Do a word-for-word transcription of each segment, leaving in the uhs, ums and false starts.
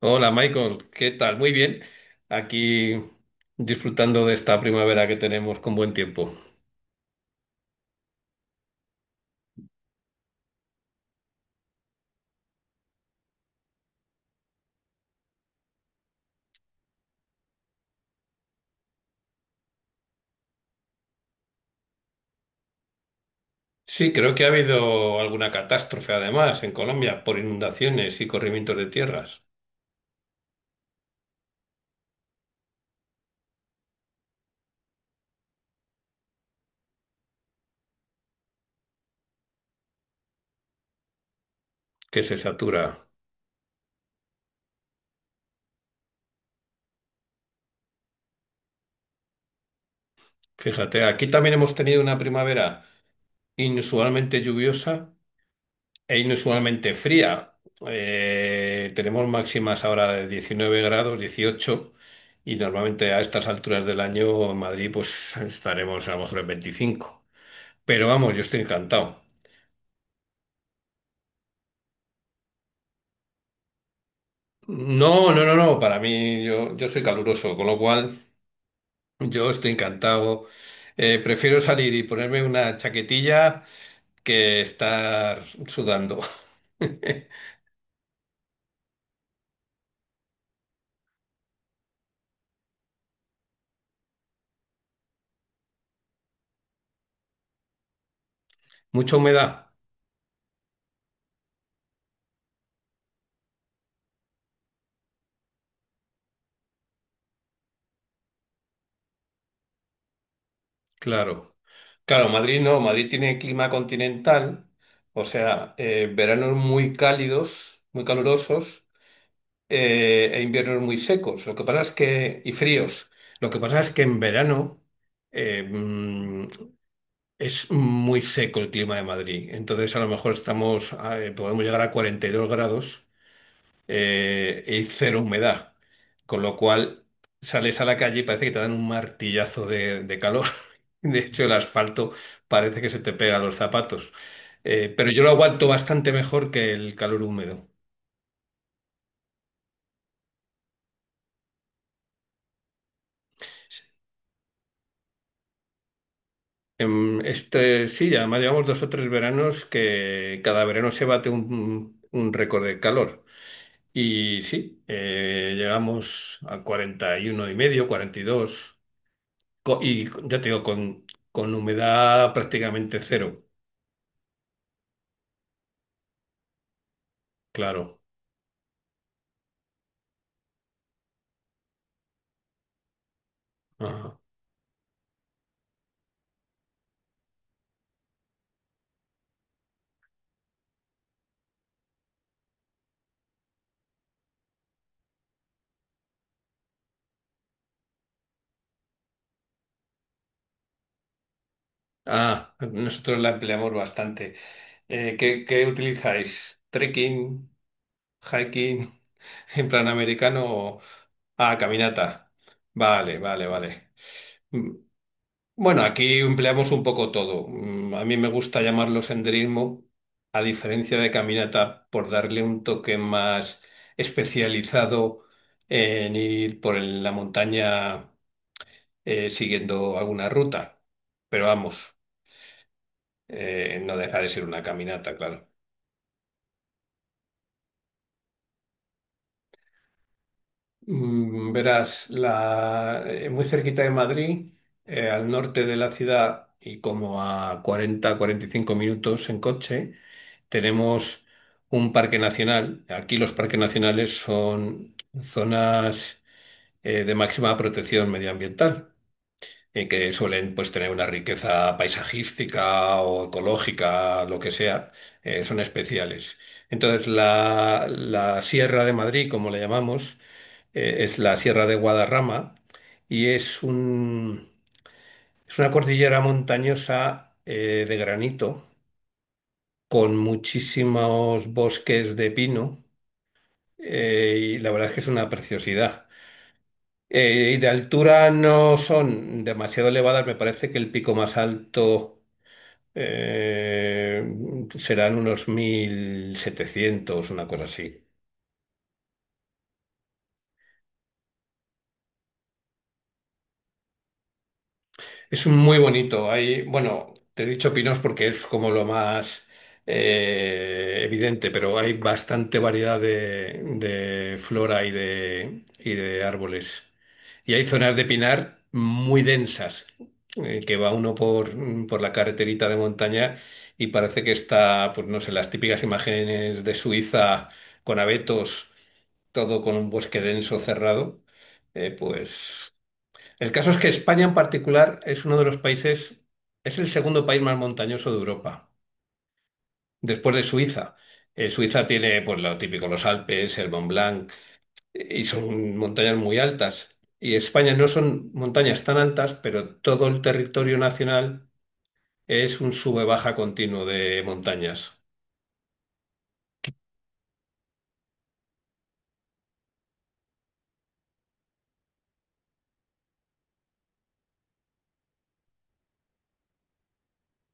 Hola Michael, ¿qué tal? Muy bien. Aquí disfrutando de esta primavera que tenemos con buen tiempo. Sí, creo que ha habido alguna catástrofe además en Colombia por inundaciones y corrimientos de tierras que se satura. Fíjate, aquí también hemos tenido una primavera inusualmente lluviosa e inusualmente fría. Eh, tenemos máximas ahora de diecinueve grados, dieciocho. Y normalmente a estas alturas del año en Madrid pues estaremos a lo mejor en veinticinco. Pero vamos, yo estoy encantado. No, no, no, no, para mí yo, yo soy caluroso, con lo cual yo estoy encantado. Eh, prefiero salir y ponerme una chaquetilla que estar sudando. Mucha humedad, claro. Claro, Madrid no, Madrid tiene clima continental, o sea, eh, veranos muy cálidos, muy calurosos, eh, e inviernos muy secos. Lo que pasa es que, y fríos. Lo que pasa es que en verano. Eh, mm, Es muy seco el clima de Madrid, entonces a lo mejor estamos, a- eh, podemos llegar a cuarenta y dos grados eh, y cero humedad, con lo cual sales a la calle y parece que te dan un martillazo de, de calor. De hecho, el asfalto parece que se te pega a los zapatos. Eh, pero yo lo aguanto bastante mejor que el calor húmedo. Em, Este, sí, además llevamos dos o tres veranos que cada verano se bate un, un récord de calor. Y sí, eh, llegamos a cuarenta y uno y medio, cuarenta y dos, co- y ya te digo, con, con humedad prácticamente cero, claro. Ajá. Ah, nosotros la empleamos bastante. Eh, ¿qué, qué utilizáis? ¿Trekking, hiking, en plan americano o ah, caminata? Vale, vale, vale. Bueno, aquí empleamos un poco todo. Mm, A mí me gusta llamarlo senderismo, a diferencia de caminata, por darle un toque más especializado en ir por el- la montaña eh, siguiendo alguna ruta. Pero vamos, eh, no deja de ser una caminata, claro. Mm, Verás, la, eh, muy cerquita de Madrid, eh, al norte de la ciudad y como a cuarenta a cuarenta y cinco minutos en coche, tenemos un parque nacional. Aquí los parques nacionales son zonas eh, de máxima protección medioambiental, eh, que suelen pues, tener una riqueza paisajística o ecológica, lo que sea, eh, son especiales. Entonces, la, la Sierra de Madrid, como la llamamos, eh, es la Sierra de Guadarrama y es un, es una cordillera montañosa eh, de granito con muchísimos bosques de pino eh, y la verdad es que es una preciosidad. Eh, y de altura no son demasiado elevadas, me parece que el pico más alto eh, serán unos mil setecientos una cosa así. Es un muy bonito. Hay, bueno, te he dicho pinos porque es como lo más eh, evidente, pero hay bastante variedad de, de flora y de, y de árboles. Y hay zonas de pinar muy densas, eh, que va uno por, por la carreterita de montaña y parece que está, pues no sé, las típicas imágenes de Suiza con abetos todo con un bosque denso cerrado, eh, pues el caso es que España en particular es uno de los países, es el segundo país más montañoso de Europa, después de Suiza. Eh, Suiza tiene, pues, lo típico, los Alpes, el Mont Blanc, eh, y son montañas muy altas. Y España no son montañas tan altas, pero todo el territorio nacional es un sube-baja continuo de montañas.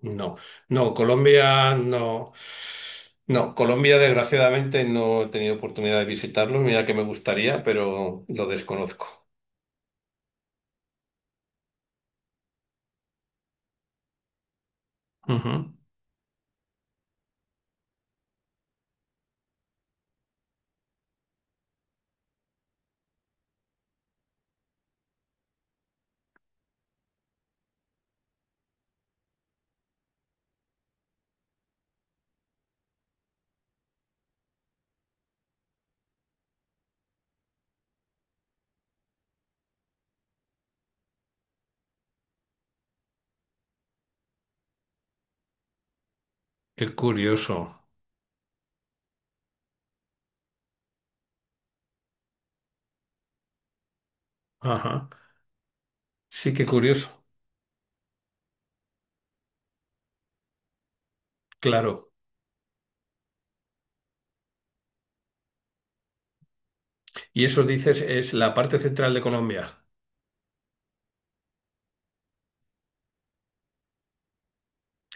No, no, Colombia no. No, Colombia desgraciadamente no he tenido oportunidad de visitarlo, mira que me gustaría, pero lo desconozco. Ujú. Qué curioso. Ajá. Sí, qué curioso. Claro. Y eso dices es la parte central de Colombia.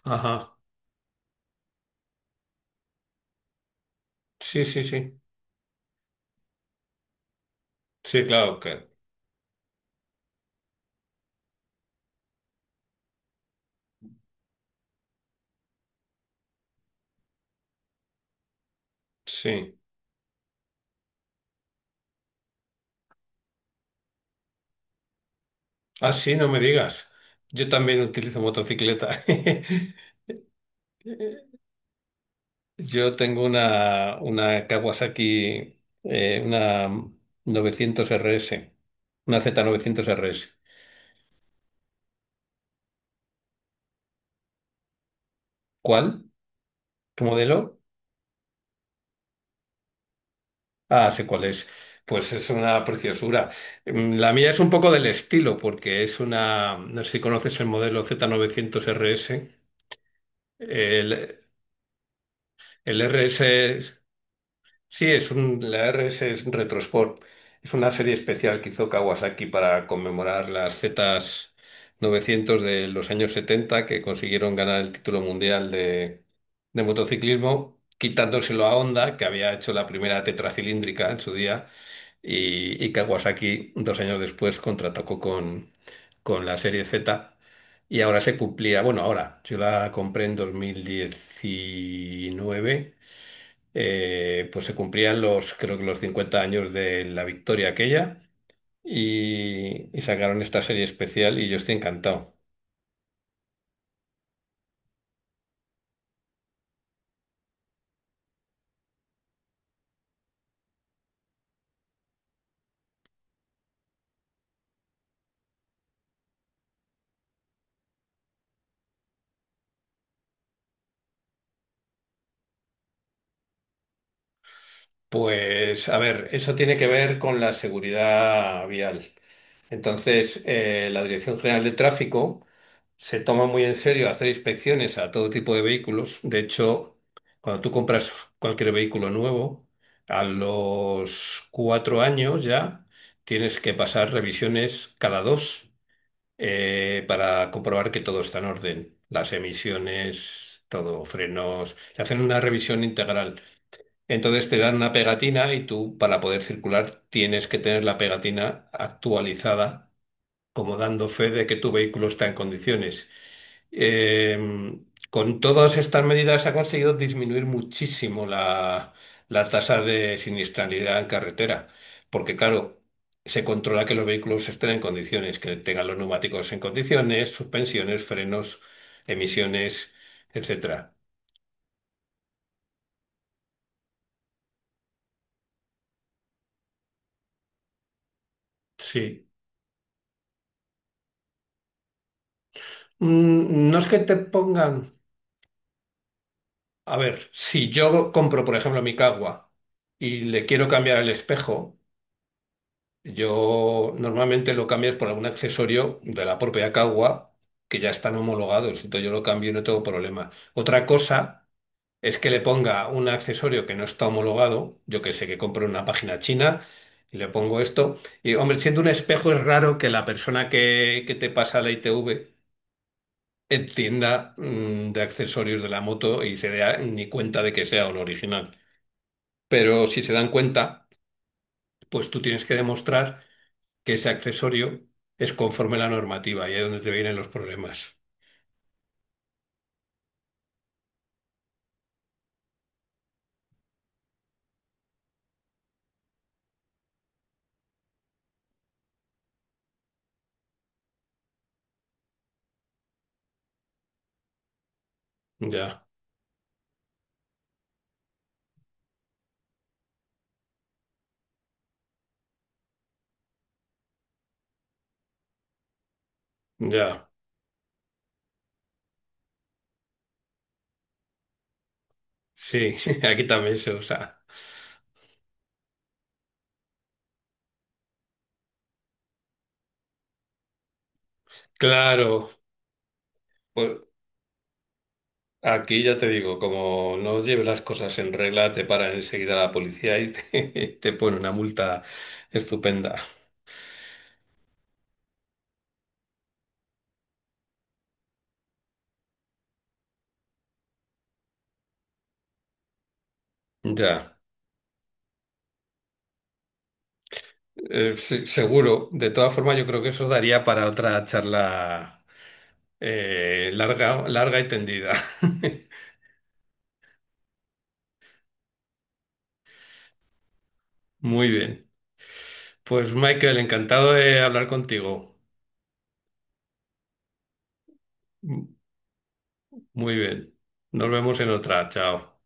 Ajá. Sí, sí, sí. Sí, claro que sí. Ah, sí, no me digas. Yo también utilizo motocicleta. Yo tengo una, una Kawasaki, eh, una novecientos R S, una Z novecientos R S. ¿Cuál? ¿Tu modelo? Ah, sé cuál es. Pues es una preciosura. Mm, La mía es un poco del estilo, porque es una. No sé si conoces el modelo Z novecientos R S. El, el R S. es- sí, es un, la R S es un Retro Sport. Es una serie especial que hizo Kawasaki para conmemorar las z novecientos de los años setenta que consiguieron ganar el título mundial de, de motociclismo, quitándoselo a Honda, que había hecho la primera tetracilíndrica en su día. Y, y Kawasaki dos años después contrató con, con la serie Z y ahora se cumplía, bueno, ahora yo la compré en dos mil diecinueve, eh, pues se cumplían los, creo que los cincuenta años de la victoria aquella y, y sacaron esta serie especial y yo estoy encantado. Pues a ver, eso tiene que ver con la seguridad vial. Entonces, eh, la Dirección General de Tráfico se toma muy en serio hacer inspecciones a todo tipo de vehículos. De hecho, cuando tú compras cualquier vehículo nuevo, a los cuatro años ya tienes que pasar revisiones cada dos eh, para comprobar que todo está en orden. Las emisiones, todo, frenos. Te hacen una revisión integral. Entonces te dan una pegatina y tú, para poder circular, tienes que tener la pegatina actualizada como dando fe de que tu vehículo está en condiciones. Eh, con todas estas medidas se ha conseguido disminuir muchísimo la, la tasa de siniestralidad en carretera, porque claro, se controla que los vehículos estén en condiciones, que tengan los neumáticos en condiciones, suspensiones, frenos, emisiones, etcétera. Sí. Mm, No es que te pongan. A ver, si yo compro, por ejemplo, mi Cagua y le quiero cambiar el espejo, yo normalmente lo cambias por algún accesorio de la propia Cagua que ya están homologados, entonces yo lo cambio y no tengo problema. Otra cosa es que le ponga un accesorio que no está homologado, yo que sé, que compro en una página china y le pongo esto. Y hombre, siendo un espejo es raro que la persona que, que te pasa la I T V entienda mm, de accesorios de la moto y se dé ni cuenta de que sea un original. Pero si se dan cuenta, pues tú tienes que demostrar que ese accesorio es conforme a la normativa y ahí es donde te vienen los problemas. Ya, ya. Sí, aquí también se usa. Claro, pues aquí ya te digo, como no lleves las cosas en regla, te paran enseguida la policía y te, te pone una multa estupenda. Ya, Eh, sí, seguro. De todas formas, yo creo que eso daría para otra charla eh, larga, larga y tendida. Muy bien. Pues Michael, encantado de hablar contigo. Muy bien. Nos vemos en otra. Chao.